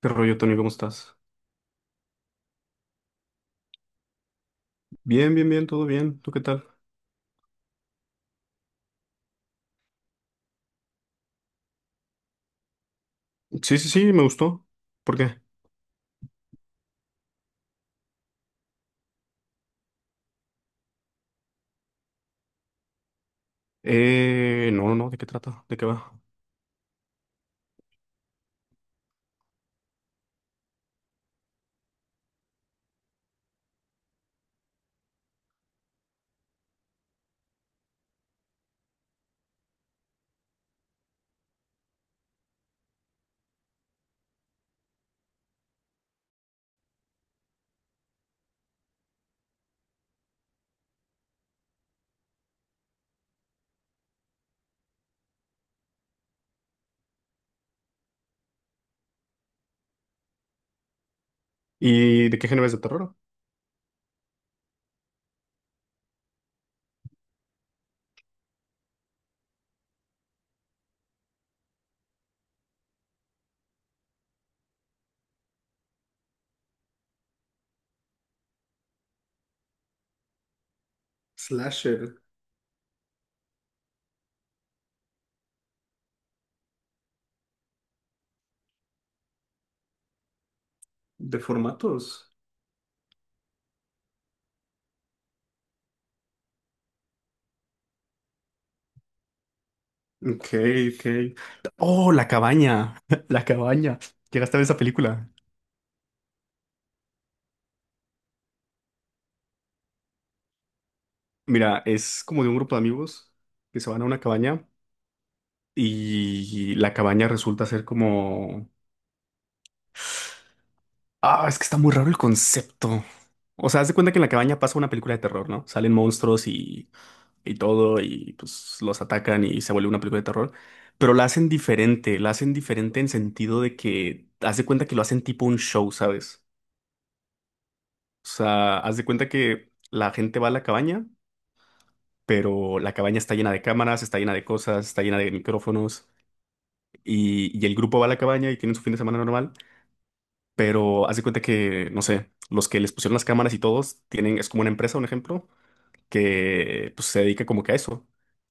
¿Qué rollo, Tony? ¿Cómo estás? Bien, bien, bien, todo bien. ¿Tú qué tal? Sí, sí, sí, me gustó. ¿Por qué? No, no, no, ¿de qué trata? ¿De qué va? ¿Y de qué género es de terror? Slasher de formatos. Ok, ok. Oh, La Cabaña. La Cabaña. Llegaste a ver esa película. Mira, es como de un grupo de amigos que se van a una cabaña y la cabaña resulta ser como. Ah, es que está muy raro el concepto. O sea, haz de cuenta que en la cabaña pasa una película de terror, ¿no? Salen monstruos y todo, y pues los atacan y se vuelve una película de terror, pero la hacen diferente en sentido de que haz de cuenta que lo hacen tipo un show, ¿sabes? O sea, haz de cuenta que la gente va a la cabaña, pero la cabaña está llena de cámaras, está llena de cosas, está llena de micrófonos, y el grupo va a la cabaña y tienen su fin de semana normal, pero haz de cuenta que, no sé, los que les pusieron las cámaras y todos tienen, es como una empresa, un ejemplo, que pues se dedica como que a eso.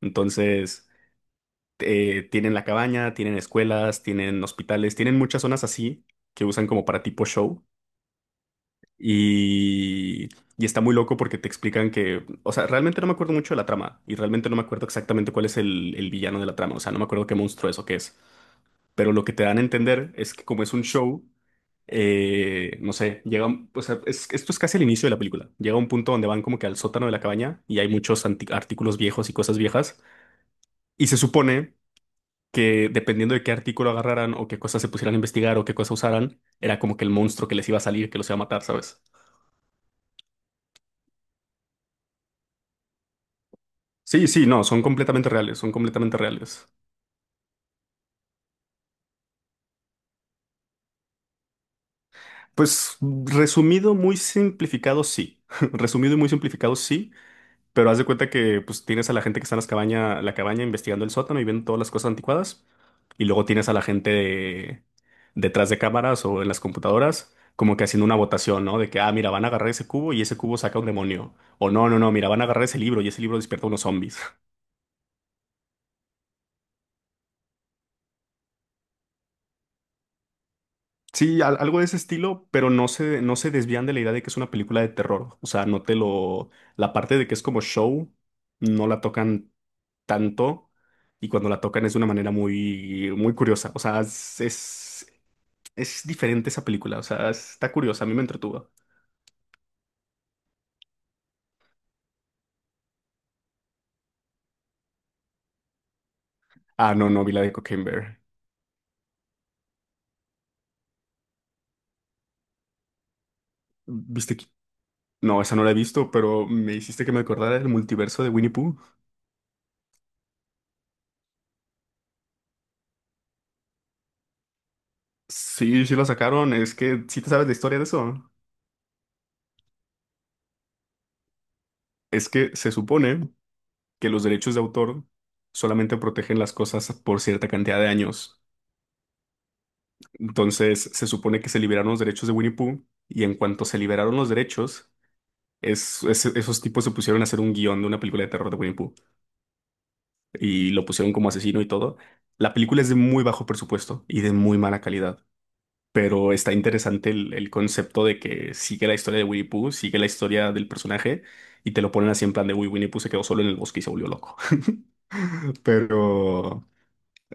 Entonces, tienen la cabaña, tienen escuelas, tienen hospitales, tienen muchas zonas así que usan como para tipo show. Y, y está muy loco porque te explican que, o sea, realmente no me acuerdo mucho de la trama y realmente no me acuerdo exactamente cuál es el villano de la trama, o sea, no me acuerdo qué monstruo es o qué es. Pero lo que te dan a entender es que como es un show, no sé, llega, o sea, esto es casi el inicio de la película. Llega un punto donde van como que al sótano de la cabaña y hay muchos artículos viejos y cosas viejas. Y se supone que dependiendo de qué artículo agarraran o qué cosas se pusieran a investigar o qué cosas usaran, era como que el monstruo que les iba a salir, que los iba a matar, ¿sabes? Sí, sí, no, son completamente reales, son completamente reales. Pues resumido, muy simplificado, sí. Resumido y muy simplificado, sí. Pero haz de cuenta que pues tienes a la gente que está en la cabaña investigando el sótano y viendo todas las cosas anticuadas. Y luego tienes a la gente detrás de cámaras o en las computadoras, como que haciendo una votación, ¿no? De que, ah, mira, van a agarrar ese cubo y ese cubo saca un demonio. O no, no, no, mira, van a agarrar ese libro y ese libro despierta unos zombies. Sí, algo de ese estilo, pero no se desvían de la idea de que es una película de terror. O sea, no te lo. La parte de que es como show, no la tocan tanto y cuando la tocan es de una manera muy, muy curiosa. O sea, es diferente esa película. O sea, está curiosa, a mí me entretuvo. Ah, no, no, vi la de Cocaine Bear. ¿Viste que- No, esa no la he visto, pero me hiciste que me acordara del multiverso de Winnie Pooh. Sí, sí la sacaron. Es que sí te sabes la historia de eso. Es que se supone que los derechos de autor solamente protegen las cosas por cierta cantidad de años. Entonces, se supone que se liberaron los derechos de Winnie Pooh y en cuanto se liberaron los derechos, esos tipos se pusieron a hacer un guión de una película de terror de Winnie Pooh y lo pusieron como asesino y todo. La película es de muy bajo presupuesto y de muy mala calidad, pero está interesante el concepto de que sigue la historia de Winnie Pooh, sigue la historia del personaje y te lo ponen así en plan de, uy, Winnie Pooh se quedó solo en el bosque y se volvió loco. Pero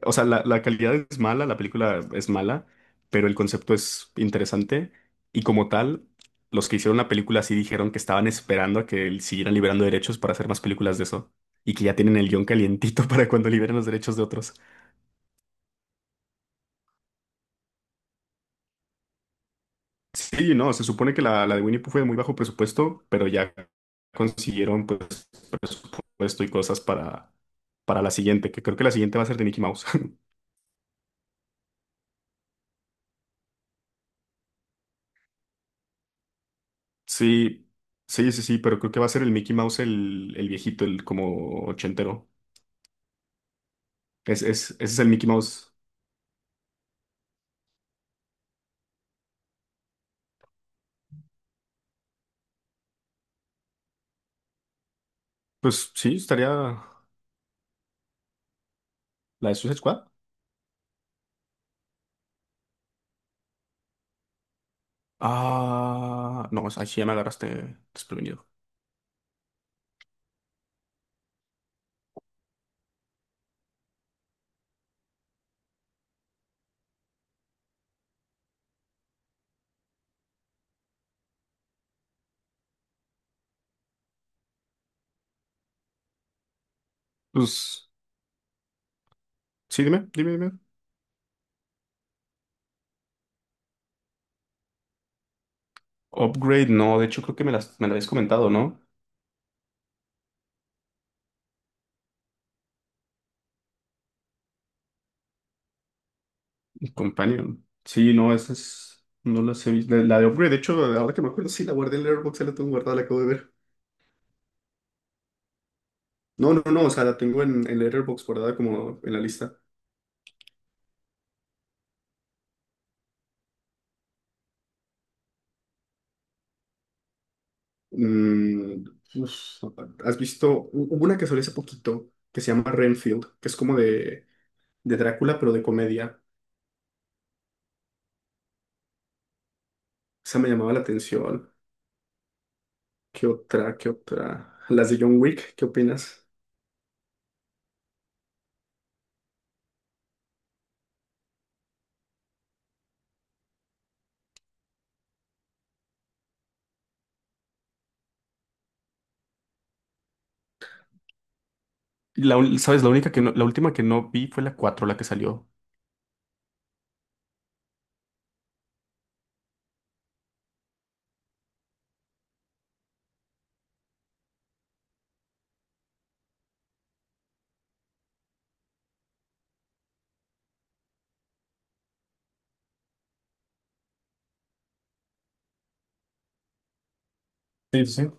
O sea, la, calidad es mala, la película es mala, pero el concepto es interesante. Y como tal, los que hicieron la película sí dijeron que estaban esperando a que siguieran liberando derechos para hacer más películas de eso. Y que ya tienen el guión calientito para cuando liberen los derechos de otros. Sí, no, se supone que la de Winnie Pooh fue de muy bajo presupuesto, pero ya consiguieron pues presupuesto y cosas para la siguiente, que creo que la siguiente va a ser de Mickey Mouse. Sí, sí, sí, sí, pero creo que va a ser el Mickey Mouse el viejito, el como ochentero. Ese es el Mickey Mouse. Pues sí, estaría la de Suicide Squad. Ah, no, ahí sí ya me agarraste desprevenido. Pues sí, dime, dime, dime. Upgrade, no, de hecho creo que me la habías comentado, ¿no? Companion. Sí, no, no las he visto. La de Upgrade, de hecho, ahora que me acuerdo, sí, la guardé en Letterboxd, ya la tengo guardada, la acabo de ver. No, no, no, o sea, la tengo en, Letterboxd guardada como en la lista. Mm, uf, ¿has visto? Hubo una que salió hace poquito que se llama Renfield, que es como de Drácula, pero de comedia. Esa me llamaba la atención. ¿Qué otra? ¿Qué otra? Las de John Wick, ¿qué opinas? Y ¿sabes? La única que no- la última que no vi fue la 4 la que salió. Sí, sí.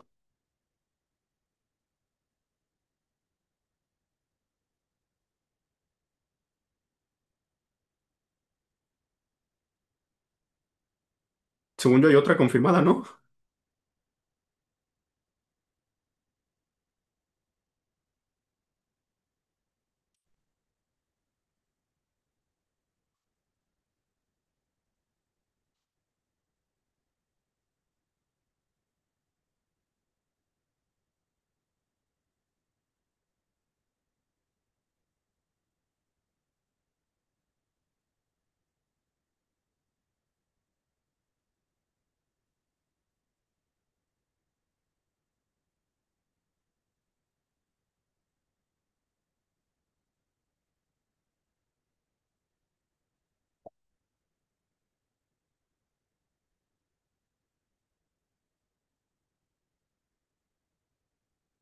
Según yo hay otra confirmada, ¿no?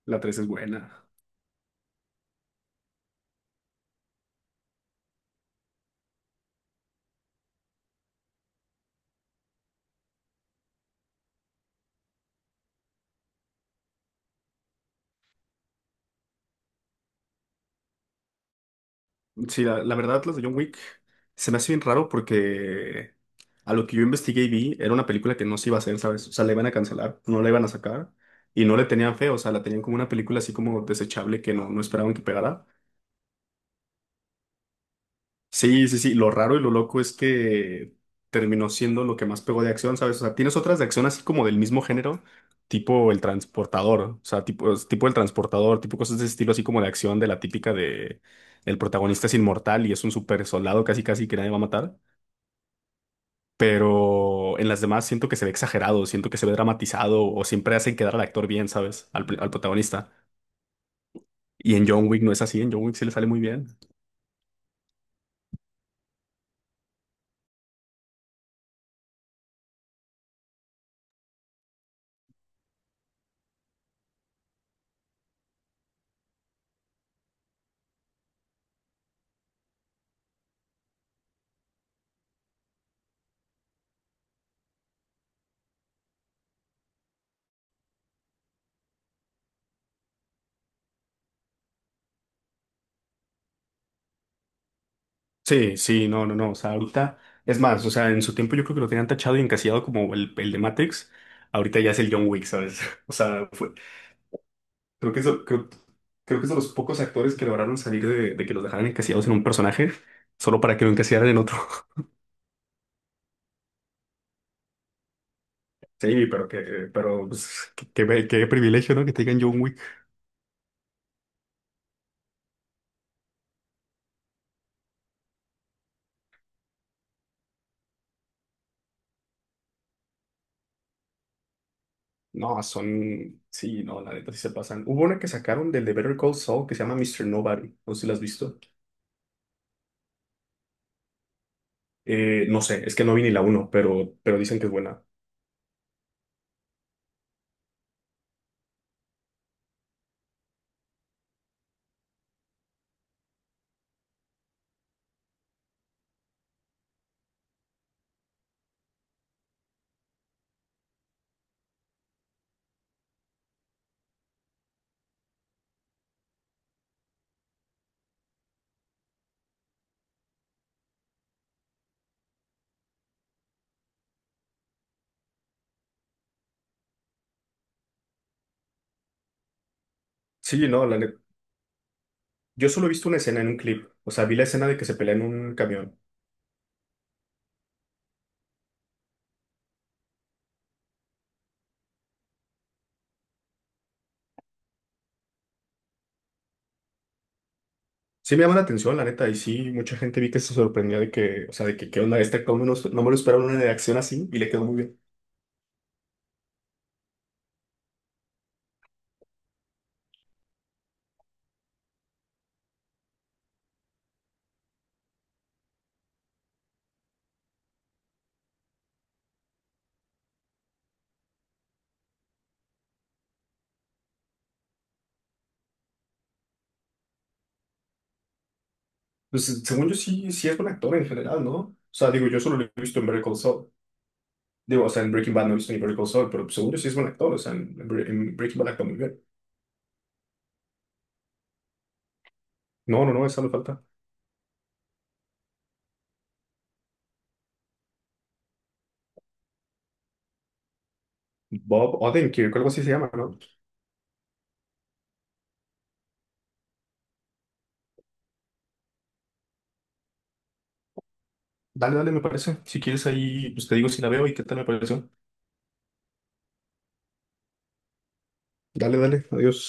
La 3 es buena. Sí, la verdad, las de John Wick se me hace bien raro porque a lo que yo investigué y vi, era una película que no se iba a hacer, ¿sabes? O sea, la iban a cancelar, no la iban a sacar y no le tenían fe, o sea, la tenían como una película así como desechable que no esperaban que pegara. Sí, sí, sí. Lo raro y lo loco es que terminó siendo lo que más pegó de acción, ¿sabes? O sea, tienes otras de acción así como del mismo género, tipo El Transportador, o sea, tipo, tipo El Transportador, tipo cosas de ese estilo así como de acción de la típica de el protagonista es inmortal y es un super soldado casi casi que nadie va a matar. Pero en las demás siento que se ve exagerado, siento que se ve dramatizado o siempre hacen quedar al actor bien, ¿sabes? Al protagonista. Y en John Wick no es así, en John Wick sí le sale muy bien. Sí, sí, no, no, no. O sea, ahorita, es más, o sea, en su tiempo yo creo que lo tenían tachado y encasillado como el de Matrix. Ahorita ya es el John Wick, ¿sabes? O sea, fue, creo que es, creo, creo que es de los pocos actores que lograron salir de, que los dejaran encasillados en un personaje solo para que lo encasillaran en otro. Sí, pero que, pero pues, qué privilegio, ¿no? Que te digan John Wick. No, son, sí, no, la neta sí se pasan. Hubo una que sacaron del de Better Call Saul que se llama Mr. Nobody, no sé si la has visto. No sé, es que no vi ni la uno, pero dicen que es buena. Sí, no, la neta. Yo solo he visto una escena en un clip, o sea, vi la escena de que se pelea en un camión. Sí me llama la atención, la neta, y sí, mucha gente vi que se sorprendía de que, o sea, de que qué onda esta, cómo no, no me lo esperaron una reacción así y le quedó muy bien. Pues según yo sí, sí es buen actor en general, ¿no? O sea, digo, yo solo lo he visto en Better Call Saul. Digo, o sea, en Breaking Bad no he visto ni Better Call Saul, pero seguro sí es buen actor, o sea, en, en Breaking Bad actúa muy bien. No, no, no, esa me falta. Bob Odenkirk, algo así se llama, ¿no? Dale, dale, me parece. Si quieres ahí, pues te digo si la veo y qué tal me pareció. Dale, dale, adiós.